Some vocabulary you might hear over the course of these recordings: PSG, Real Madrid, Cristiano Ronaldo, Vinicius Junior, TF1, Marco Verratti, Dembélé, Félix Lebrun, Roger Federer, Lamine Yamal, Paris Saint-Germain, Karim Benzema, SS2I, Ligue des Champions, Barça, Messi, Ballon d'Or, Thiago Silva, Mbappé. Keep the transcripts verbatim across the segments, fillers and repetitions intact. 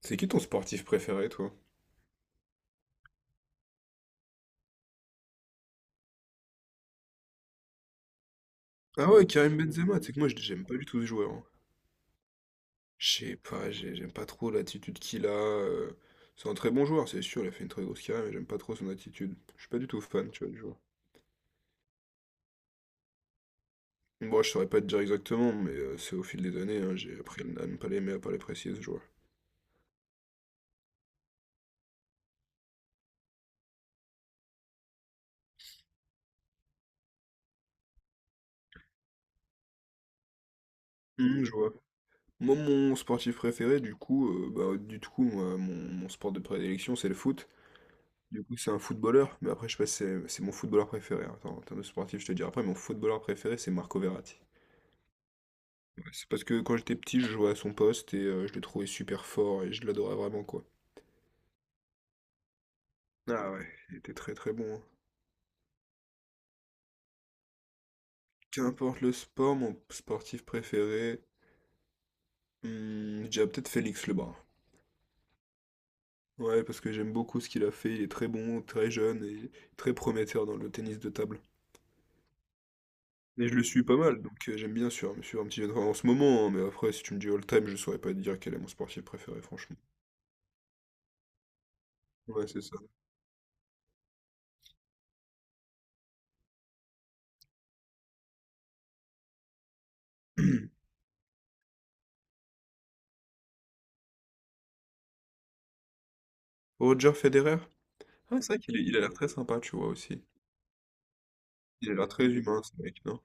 C'est qui ton sportif préféré, toi? Ah ouais, Karim Benzema, tu sais que moi je- j'aime pas du tout ce joueur, hein. Je sais pas, j'ai- j'aime pas trop l'attitude qu'il a. euh, C'est un très bon joueur, c'est sûr, il a fait une très grosse carrière, mais j'aime pas trop son attitude. Je suis pas du tout fan, tu vois, du joueur. Bon, je saurais pas te dire exactement, mais euh, c'est au fil des années, hein, j'ai appris à ne pas l'aimer, à pas l'apprécier, ce joueur. Hum, je vois. Moi, mon sportif préféré, du coup, euh, bah, du coup, moi, mon, mon sport de prédilection, c'est le foot. Du coup, c'est un footballeur, mais après, je sais pas si c'est c'est mon footballeur préféré, hein. Attends, en termes de sportif, je te dis après, mon footballeur préféré, c'est Marco Verratti. Ouais, c'est parce que quand j'étais petit, je jouais à son poste et euh, je le trouvais super fort et je l'adorais vraiment, quoi. Ah ouais, il était très très bon, hein. Qu'importe le sport, mon sportif préféré, hmm, je dirais peut-être Félix Lebrun. Ouais, parce que j'aime beaucoup ce qu'il a fait, il est très bon, très jeune et très prometteur dans le tennis de table. Et je le suis pas mal, donc euh, j'aime bien sûr, me suivre un petit peu en ce moment, hein, mais après, si tu me dis all-time, je saurais pas te dire quel est mon sportif préféré, franchement. Ouais, c'est ça. Roger Federer? Ah, c'est vrai qu'il est- il a l'air très sympa, tu vois, aussi. Il a l'air très humain, ce mec, non?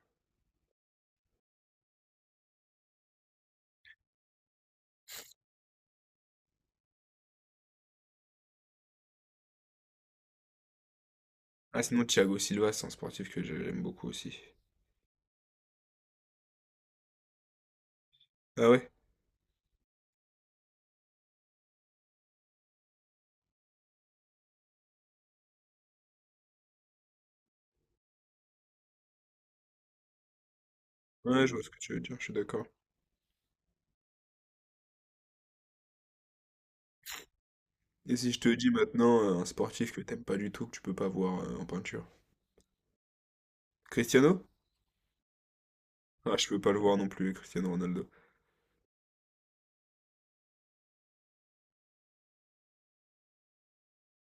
Ah, sinon, Thiago Silva, c'est un sportif que j'aime beaucoup aussi. Ah ouais? Ouais, je vois ce que tu veux dire, je suis d'accord. Et si je te dis maintenant euh, un sportif que t'aimes pas du tout, que tu peux pas voir euh, en peinture? Cristiano? Ah, je peux pas le voir non plus, Cristiano Ronaldo.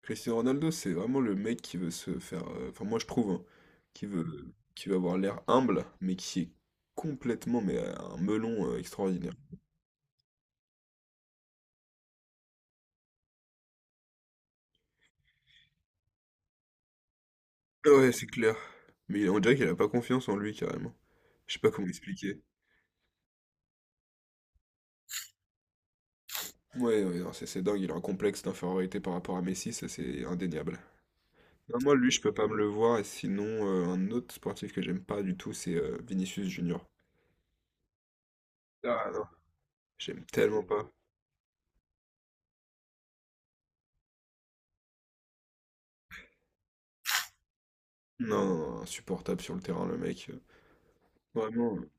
Cristiano Ronaldo, c'est vraiment le mec qui veut se faire... euh, Enfin, moi, je trouve, hein, qui veut, qui veut avoir l'air humble, mais qui est complètement, mais euh, un melon euh, extraordinaire. Ouais, c'est clair. Mais il- on dirait qu'il a pas confiance en lui carrément. Je sais pas comment expliquer. Ouais, ouais, non, c'est c'est dingue, il a un complexe d'infériorité par rapport à Messi, ça c'est indéniable. Non, moi, lui, je peux pas me le voir, et sinon, euh, un autre sportif que j'aime pas du tout, c'est euh, Vinicius Junior. Ah non, j'aime tellement pas. Non, non, non, insupportable sur le terrain, le mec. euh, Vraiment, euh,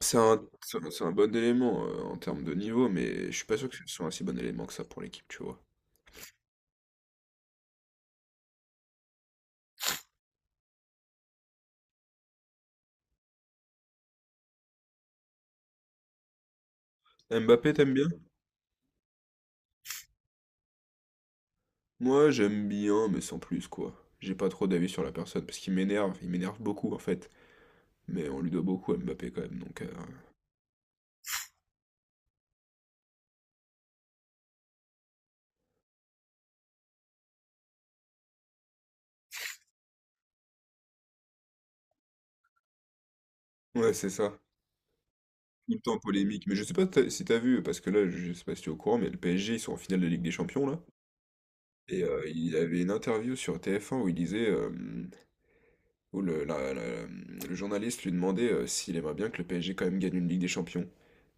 c'est un, c'est un c'est un bon élément euh, en termes de niveau, mais je suis pas sûr que ce soit un si bon élément que ça pour l'équipe, tu vois. Mbappé, t'aimes bien? Moi, j'aime bien, mais sans plus, quoi. J'ai pas trop d'avis sur la personne, parce qu'il m'énerve, il m'énerve beaucoup, en fait. Mais on lui doit beaucoup à Mbappé, quand même, donc... euh, Ouais, c'est ça. Tout le temps polémique. Mais je sais pas t'as- si t'as vu, parce que là, je sais pas si tu es au courant, mais le P S G, ils sont en finale de Ligue des Champions, là. Et euh, il avait une interview sur T F un où il disait... euh, où le, la- la- le journaliste lui demandait euh, s'il aimerait bien que le P S G, quand même, gagne une Ligue des Champions.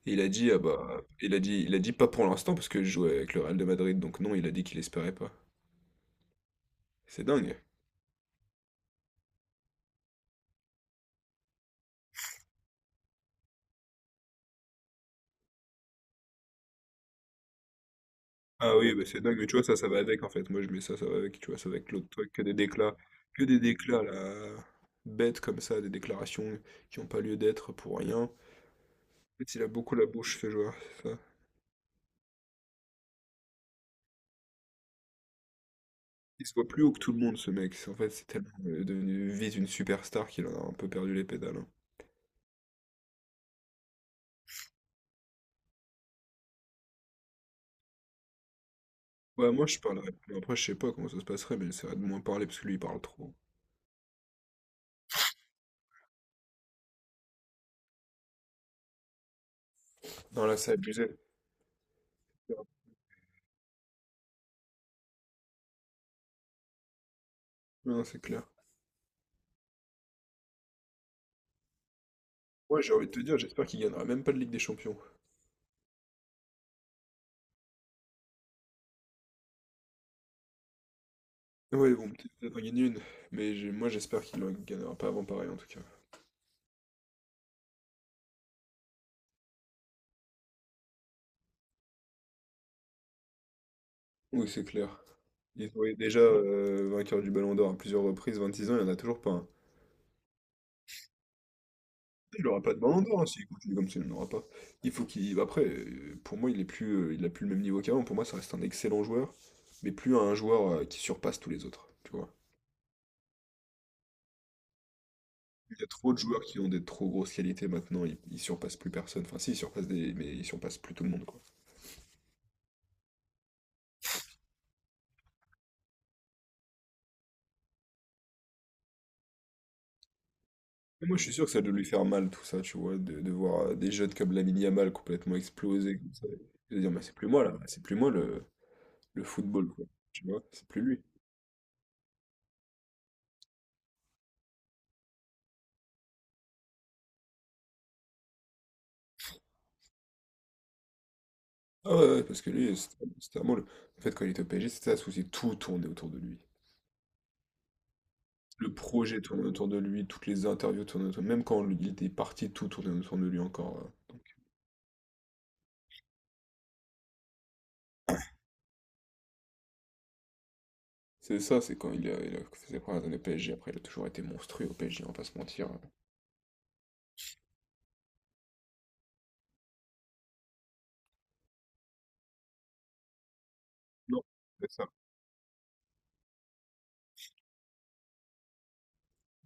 Et il a dit, ah bah... Il a dit, il a dit pas pour l'instant, parce que je jouais avec le Real de Madrid, donc non, il a dit qu'il espérait pas. C'est dingue. Ah oui, bah c'est dingue, mais tu vois, ça, ça va avec en fait. Moi, je mets ça, ça va avec, tu vois, ça va avec l'autre truc, que des déclats, que des déclats là, bêtes comme ça, des déclarations qui n'ont pas lieu d'être pour rien. En fait, il a beaucoup la bouche, ce joueur, c'est ça. Il se voit plus haut que tout le monde, ce mec. En fait, c'est tellement euh, devenu vise une superstar qu'il en a un peu perdu les pédales, hein. Ouais, moi, je parlerais plus. Après, je sais pas comment ça se passerait, mais j'essaierais de moins parler parce que lui, il parle trop. Non, là, c'est abusé. Non, c'est clair. Ouais, j'ai envie de te dire, j'espère qu'il gagnera même pas de Ligue des Champions. Oui, bon, peut-être qu'on va gagner une, mais j'ai- moi j'espère qu'il en gagnera pas avant pareil en tout cas. Oui, c'est clair. Il est oui, déjà euh, vainqueur du Ballon d'Or à plusieurs reprises, vingt-six ans, il n'y en a toujours pas un. Il n'aura pas de Ballon d'Or, hein, s'il continue comme ça, il n'en aura pas. Il faut qu'il. Après, euh, pour moi, il est plus, euh, il a plus le même niveau qu'avant. Pour moi, ça reste un excellent joueur, mais plus un joueur euh, qui surpasse tous les autres. Tu vois. Il y a trop de joueurs qui ont des trop grosses qualités maintenant, ils, ils surpassent plus personne. Enfin, si, ils surpassent des, mais ils surpassent plus tout le monde. Moi, je suis sûr que ça doit lui faire mal, tout ça, tu vois, de, de voir euh, des jeunes comme Lamine Yamal complètement exploser, comme ça. Et de dire, mais c'est plus moi, là, c'est plus moi le, le football, quoi. Tu vois, c'est plus lui. Ah ouais, ouais, parce que lui, c'était c'était vraiment le... En fait, quand il était au P S G, c'était ça le souci, tout tournait autour de lui. Le projet tournait autour de lui, toutes les interviews tournaient autour de lui, même quand il était parti, tout tournait autour de lui encore. euh. C'est ça, c'est quand il a, il a fait ses premières années au P S G, après, il a toujours été monstrueux au P S G, on va pas se mentir. Non, c'est ça.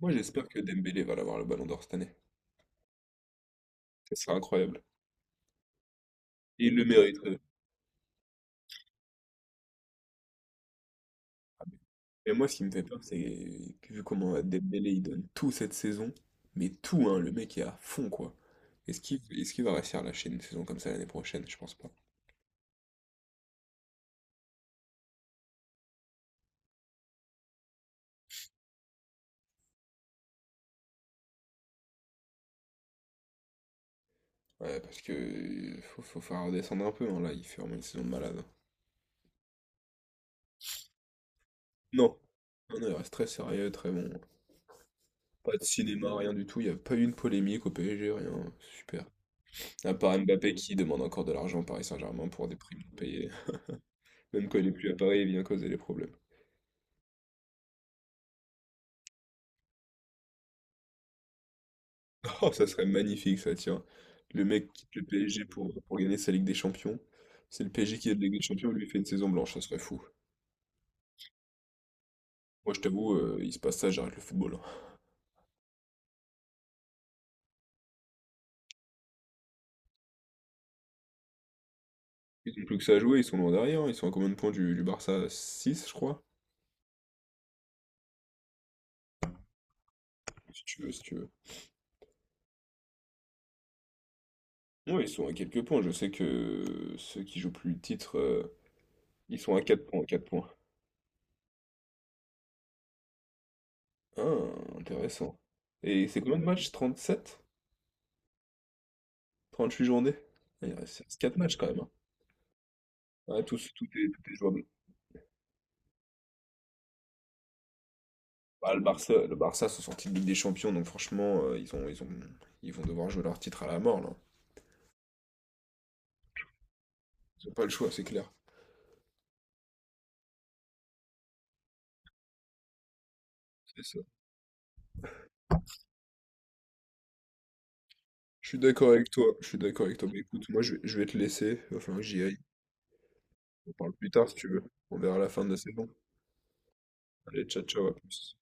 Moi, j'espère que Dembélé va l'avoir le ballon d'or cette année. Ce serait incroyable. Et il le mériterait. Mais moi, ce qui me fait peur, c'est que vu comment Dembélé il donne tout cette saison, mais tout, hein, le mec est à fond, quoi. Est-ce qu'il est-ce qu'il va réussir à lâcher une saison comme ça l'année prochaine? Je pense pas. Ouais, parce que euh, faut, faut faire redescendre un peu, hein, là, il fait vraiment une saison de malade, hein. Non. Non, non, il reste très sérieux, très bon, hein. Pas de cinéma, rien du tout, il n'y a pas eu une polémique au P S G, rien. Super. À part Mbappé qui demande encore de l'argent au Paris Saint-Germain pour des primes non payées. Même quand il est plus à Paris, il vient causer des problèmes. Oh, ça serait magnifique ça, tiens. Le mec quitte le P S G pour, pour gagner sa Ligue des Champions. C'est le P S G qui gagne la Ligue des Champions, lui il fait une saison blanche, ça serait fou. Moi je t'avoue, euh, il se passe ça, j'arrête le football, hein. Ils ont plus que ça à jouer, ils sont loin derrière, hein. Ils sont à combien de points du, du Barça? Six je crois. Si tu veux, si tu veux. Ouais, ils sont à quelques points, je sais que ceux qui jouent plus le titre, euh, ils sont à quatre points, quatre points. Ah, intéressant. Et c'est combien de matchs? Trente trente-huit journées? Ah, il reste quatre matchs quand même, hein. Ah, tous, tout est, tout est jouable. Bah, le Barça, le Barça sont sortis de Ligue des Champions, donc franchement, euh, ils ont, ils ont, ils vont devoir jouer leur titre à la mort, là. Ils n'ont pas le choix, c'est clair. C'est ça. Je suis d'accord avec toi, je suis d'accord avec toi. Mais écoute, moi, je vais, je vais te laisser, il va falloir que j'y aille. On parle plus tard si tu veux. On verra la fin de la saison. Allez, ciao, ciao, à plus.